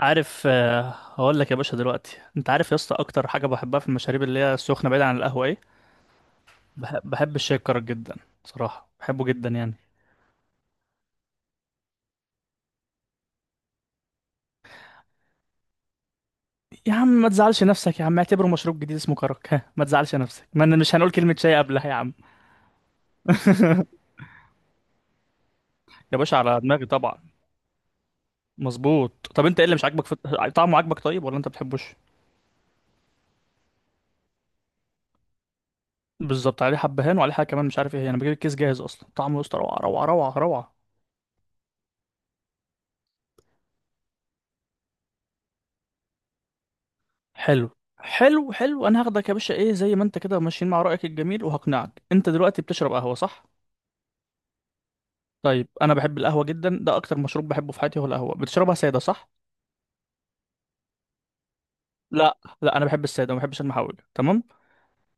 عارف، هقول لك يا باشا. دلوقتي انت عارف يا اسطى، اكتر حاجه بحبها في المشاريب اللي هي السخنه بعيد عن القهوه ايه؟ بحب الشاي الكرك جدا. صراحه بحبه جدا يعني. يا عم ما تزعلش نفسك، يا عم اعتبره مشروب جديد اسمه كرك. ها، ما تزعلش نفسك، ما أنا مش هنقول كلمه شاي قبلها يا عم. يا باشا على دماغي طبعا. مظبوط. طب انت ايه اللي مش عاجبك في. طعمه عاجبك طيب ولا انت بتحبوش؟ بالظبط. عليه حبهان وعليه حاجه كمان مش عارف ايه هي. انا بجيب الكيس جاهز اصلا. طعمه يا اسطى روعه، روعه، روعه، روعه. حلو، حلو، حلو. انا هاخدك يا باشا، ايه، زي ما انت كده ماشيين مع رأيك الجميل وهقنعك. انت دلوقتي بتشرب قهوة صح؟ طيب. انا بحب القهوة جدا، ده اكتر مشروب بحبه في حياتي هو القهوة. بتشربها سادة صح؟ لا، لا، انا بحب السادة. ما بحبش المحوج. تمام.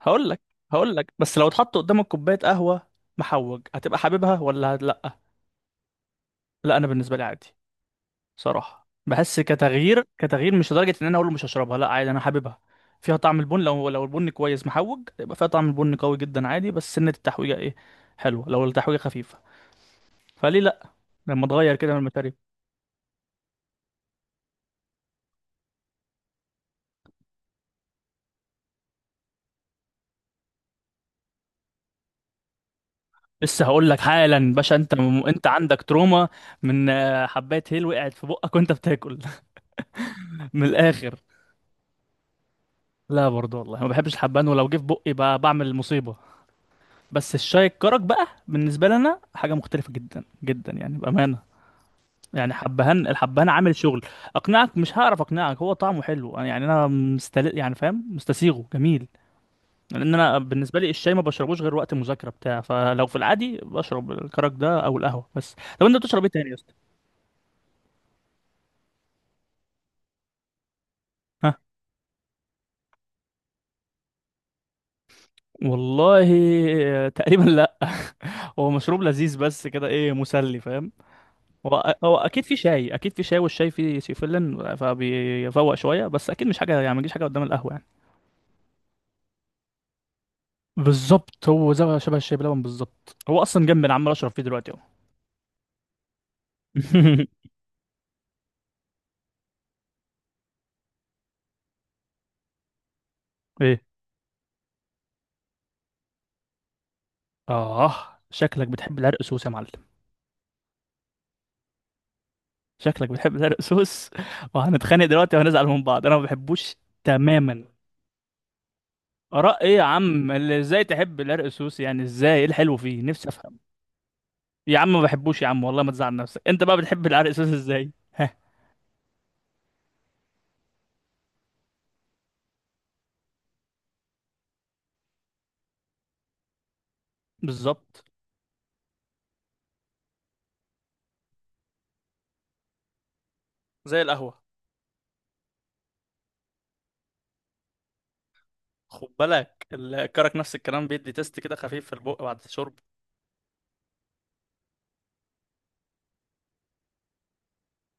هقول لك هقول لك، بس لو اتحط قدامك كوباية قهوة محوج هتبقى حاببها ولا لا؟ لا، انا بالنسبة لي عادي. صراحة بحس كتغيير كتغيير، مش لدرجة ان انا اقول له مش هشربها، لا عادي انا حاببها. فيها طعم البن. لو البن كويس محوج يبقى فيها طعم البن قوي جدا عادي. بس سنة التحويجة ايه؟ حلوة. لو التحويجة خفيفة فليه لا؟ لما تغير كده من الماتيريال. لسه هقول لك حالا باشا. انت عندك تروما من حباية هيل وقعت في بقك وانت بتاكل. من الاخر، لا برضه والله ما بحبش الحبان، ولو جه في بقي بقى بعمل مصيبة. بس الشاي الكرك بقى بالنسبة لنا حاجة مختلفة جدا جدا يعني، بأمانة. يعني حبهان، الحبهان عامل شغل. اقنعك مش هعرف اقنعك، هو طعمه حلو. يعني انا مستل يعني فاهم، مستسيغه جميل. لان انا بالنسبه لي الشاي ما بشربوش غير وقت المذاكره بتاع. فلو في العادي بشرب الكرك ده او القهوه بس. طب انت بتشرب ايه تاني يا اسطى؟ ها، والله. تقريبا لا. هو مشروب لذيذ بس كده، ايه، مسلي فاهم. هو اكيد في شاي، اكيد في شاي، والشاي فيه سيفلين فبيفوق شويه. بس اكيد مش حاجه يعني، ما تجيش حاجه قدام القهوه يعني. بالظبط. هو زي شبه الشاي بلبن بالظبط. هو اصلا جنب، انا عمال اشرب فيه دلوقتي اهو. ايه. اه، شكلك بتحب العرق سوس يا معلم؟ شكلك بتحب العرق سوس. وهنتخانق دلوقتي وهنزعل من بعض، انا ما بحبوش. تماما. اراء ايه يا عم اللي ازاي تحب العرق سوس يعني؟ ازاي؟ ايه الحلو فيه؟ نفسي افهم. يا عم ما بحبوش يا عم، والله ما تزعل نفسك. انت بقى بتحب العرق سوس ازاي؟ ها. بالظبط. زي القهوة. خد بالك الكرك نفس الكلام، بيدي تيست كده خفيف في البق بعد الشرب.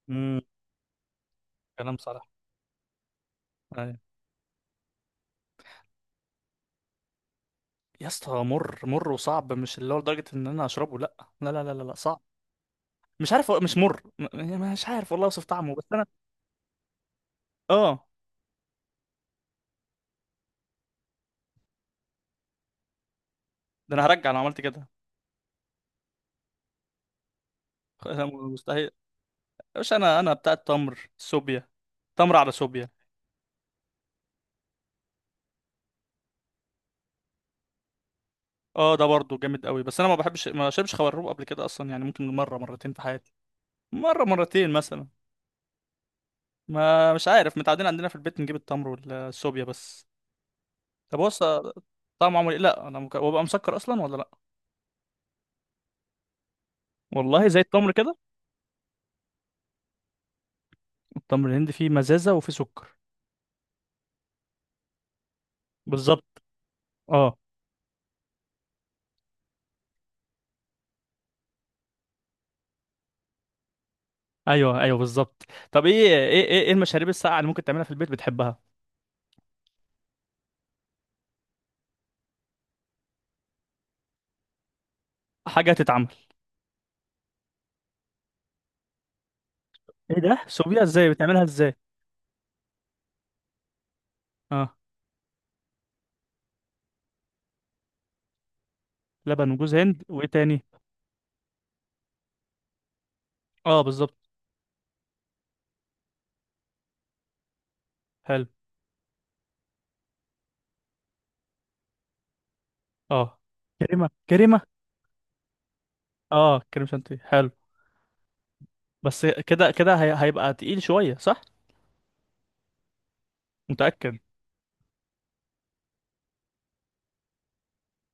مم. كلام صح. يا اسطى مر مر وصعب، مش اللي هو لدرجة ان انا اشربه، لا، لا، لا، لا، لا، لا، صعب. مش عارف. مش مر. يعني مش عارف والله اوصف طعمه، بس انا. اه، ده انا هرجع لو عملت كده. أنا مستحيل. مش انا بتاع التمر صوبيا، تمر على صوبيا. اه، ده برضه جامد قوي، بس انا ما بحبش، ما شربش خروب قبل كده اصلا يعني، ممكن مرة مرتين في حياتي، مرة مرتين مثلا. ما مش عارف، متعودين عندنا في البيت نجيب التمر والصوبيا بس. طب طعمه عامل ايه؟ لا انا وابقى مسكر اصلا ولا لا؟ والله زي التمر كده. التمر الهندي فيه مزازة وفيه سكر. بالظبط. اه، ايوه، ايوه بالظبط. طب ايه ايه ايه إيه المشاريب الساقعة اللي ممكن تعملها في البيت بتحبها؟ حاجة تتعمل. ايه ده؟ سوبيا ازاي بتعملها، ازاي؟ اه، لبن وجوز هند وايه تاني؟ اه بالظبط، حلو. اه، كريمة، كريمة. اه كريم شانتيه، حلو. بس كده كده، هيبقى تقيل شوية صح؟ متأكد؟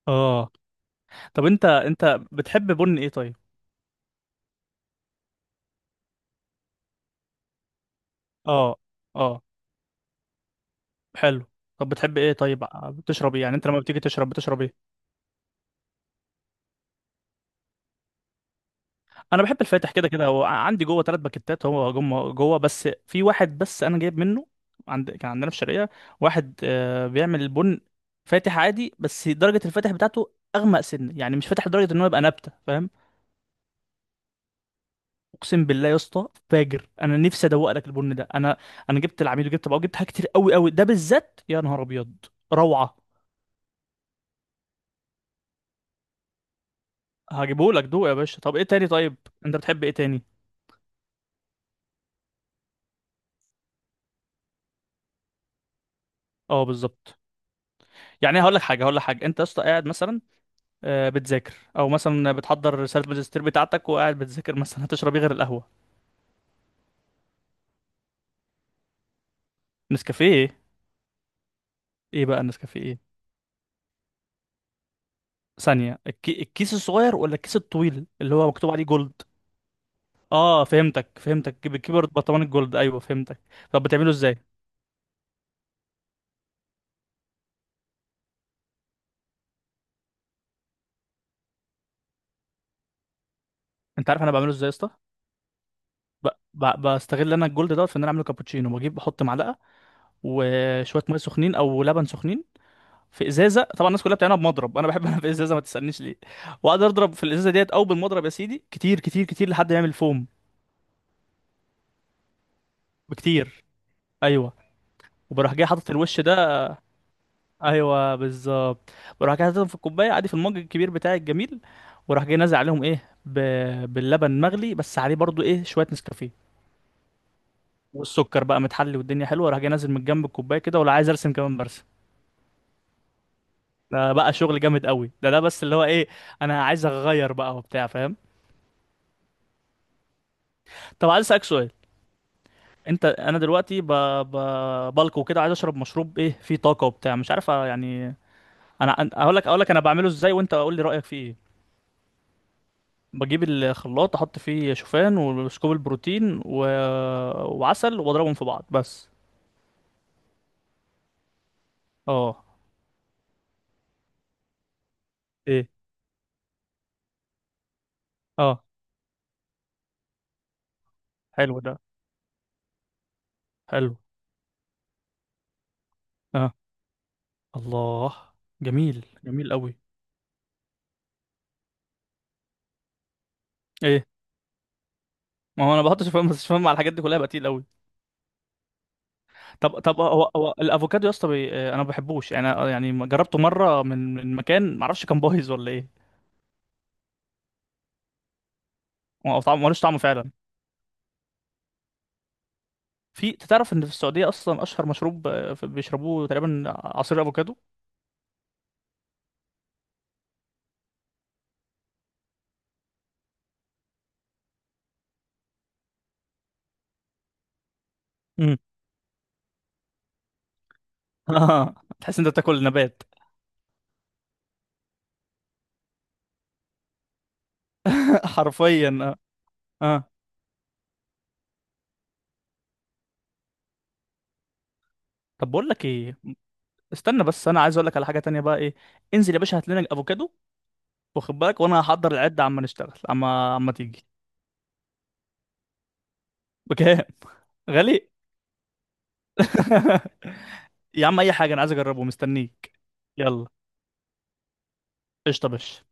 اه. طب انت بتحب بن ايه طيب؟ اه، اه، حلو. طب بتحب ايه طيب، بتشرب ايه يعني؟ انت لما بتيجي تشرب، بتشرب ايه؟ انا بحب الفاتح. كده كده هو عندي جوه ثلاث باكيتات، هو جوه جوه بس في واحد بس انا جايب منه. كان عندنا في الشرقيه واحد بيعمل البن فاتح عادي، بس درجه الفاتح بتاعته اغمق سن يعني، مش فاتح لدرجه ان هو يبقى نبته فاهم. اقسم بالله يا اسطى فاجر، انا نفسي ادوق لك البن ده. انا جبت العميل وجبت بقى وجبت حاجات كتير قوي قوي، ده بالذات يا نهار ابيض. روعه. هجيبه لك دوق يا باشا. طب ايه تاني طيب؟ انت بتحب ايه تاني؟ اه بالظبط. يعني هقول لك حاجه، انت يا اسطى قاعد مثلا بتذاكر او مثلا بتحضر رساله ماجستير بتاعتك وقاعد بتذاكر مثلا، هتشرب ايه غير القهوه؟ نسكافيه ايه؟ إيه بقى النسكافيه ايه؟ ثانيه، الكيس الصغير ولا الكيس الطويل اللي هو مكتوب عليه جولد؟ اه فهمتك فهمتك، بتكبر برطمان الجولد، ايوه فهمتك. طب بتعمله ازاي؟ انت عارف انا بعمله ازاي يا اسطى؟ ب... بستغل انا الجولد دوت في ان انا اعمله كابتشينو. بجيب بحط معلقه وشويه ميه سخنين او لبن سخنين. في ازازه. طبعا الناس كلها بتعملها بمضرب، انا بحب انا في ازازه، ما تسالنيش ليه. واقعد اضرب في الازازه ديت او بالمضرب يا سيدي، كتير كتير كتير لحد ما يعمل فوم. بكتير. ايوه. وبروح جاي حاطط الوش ده. ايوه بالظبط. بروح جاي حاططهم في الكوبايه عادي، في المج الكبير بتاعي الجميل، وراح جاي نازل عليهم ايه، باللبن مغلي، بس عليه برضو ايه شويه نسكافيه. والسكر بقى متحلي والدنيا حلوه، راح جاي نازل من جنب الكوبايه كده، ولا عايز ارسم كمان برسم. ده بقى شغل جامد قوي. ده بس اللي هو ايه، انا عايز اغير بقى وبتاع فاهم. طب عايز اسالك سؤال. انا دلوقتي ب... بلقو كده عايز اشرب مشروب ايه فيه طاقه وبتاع مش عارف يعني. اقول لك انا بعمله ازاي، وانت قول لي رايك فيه ايه. بجيب الخلاط، احط فيه شوفان وسكوب البروتين وعسل، واضربهم في بعض بس. اه، ايه، اه حلو، ده حلو. اه الله. جميل جميل قوي. ايه، ما هو انا بحط شوفان، بس شوفان مع الحاجات دي كلها بقى تقيل قوي. طب هو الافوكادو يا اسطى، انا ما بحبوش يعني، يعني ما جربته مره من مكان ما اعرفش كان بايظ ولا ايه. هو طعمه ملوش طعم فعلا. أنت تعرف ان في السعوديه اصلا اشهر مشروب، بيشربوه تقريبا عصير افوكادو. امم. تحس إن انت بتاكل نبات. حرفيا، اه، اه. طب بقول لك ايه. استنى بس، انا عايز اقول لك على حاجه تانية بقى، ايه. انزل يا باشا هات لنا افوكادو، واخد بالك، وانا هحضر العده عما نشتغل، عما تيجي. بكام؟ غالي. يا عم اي حاجه، انا عايز اجربه مستنيك. يلا. قشطه يا باشا.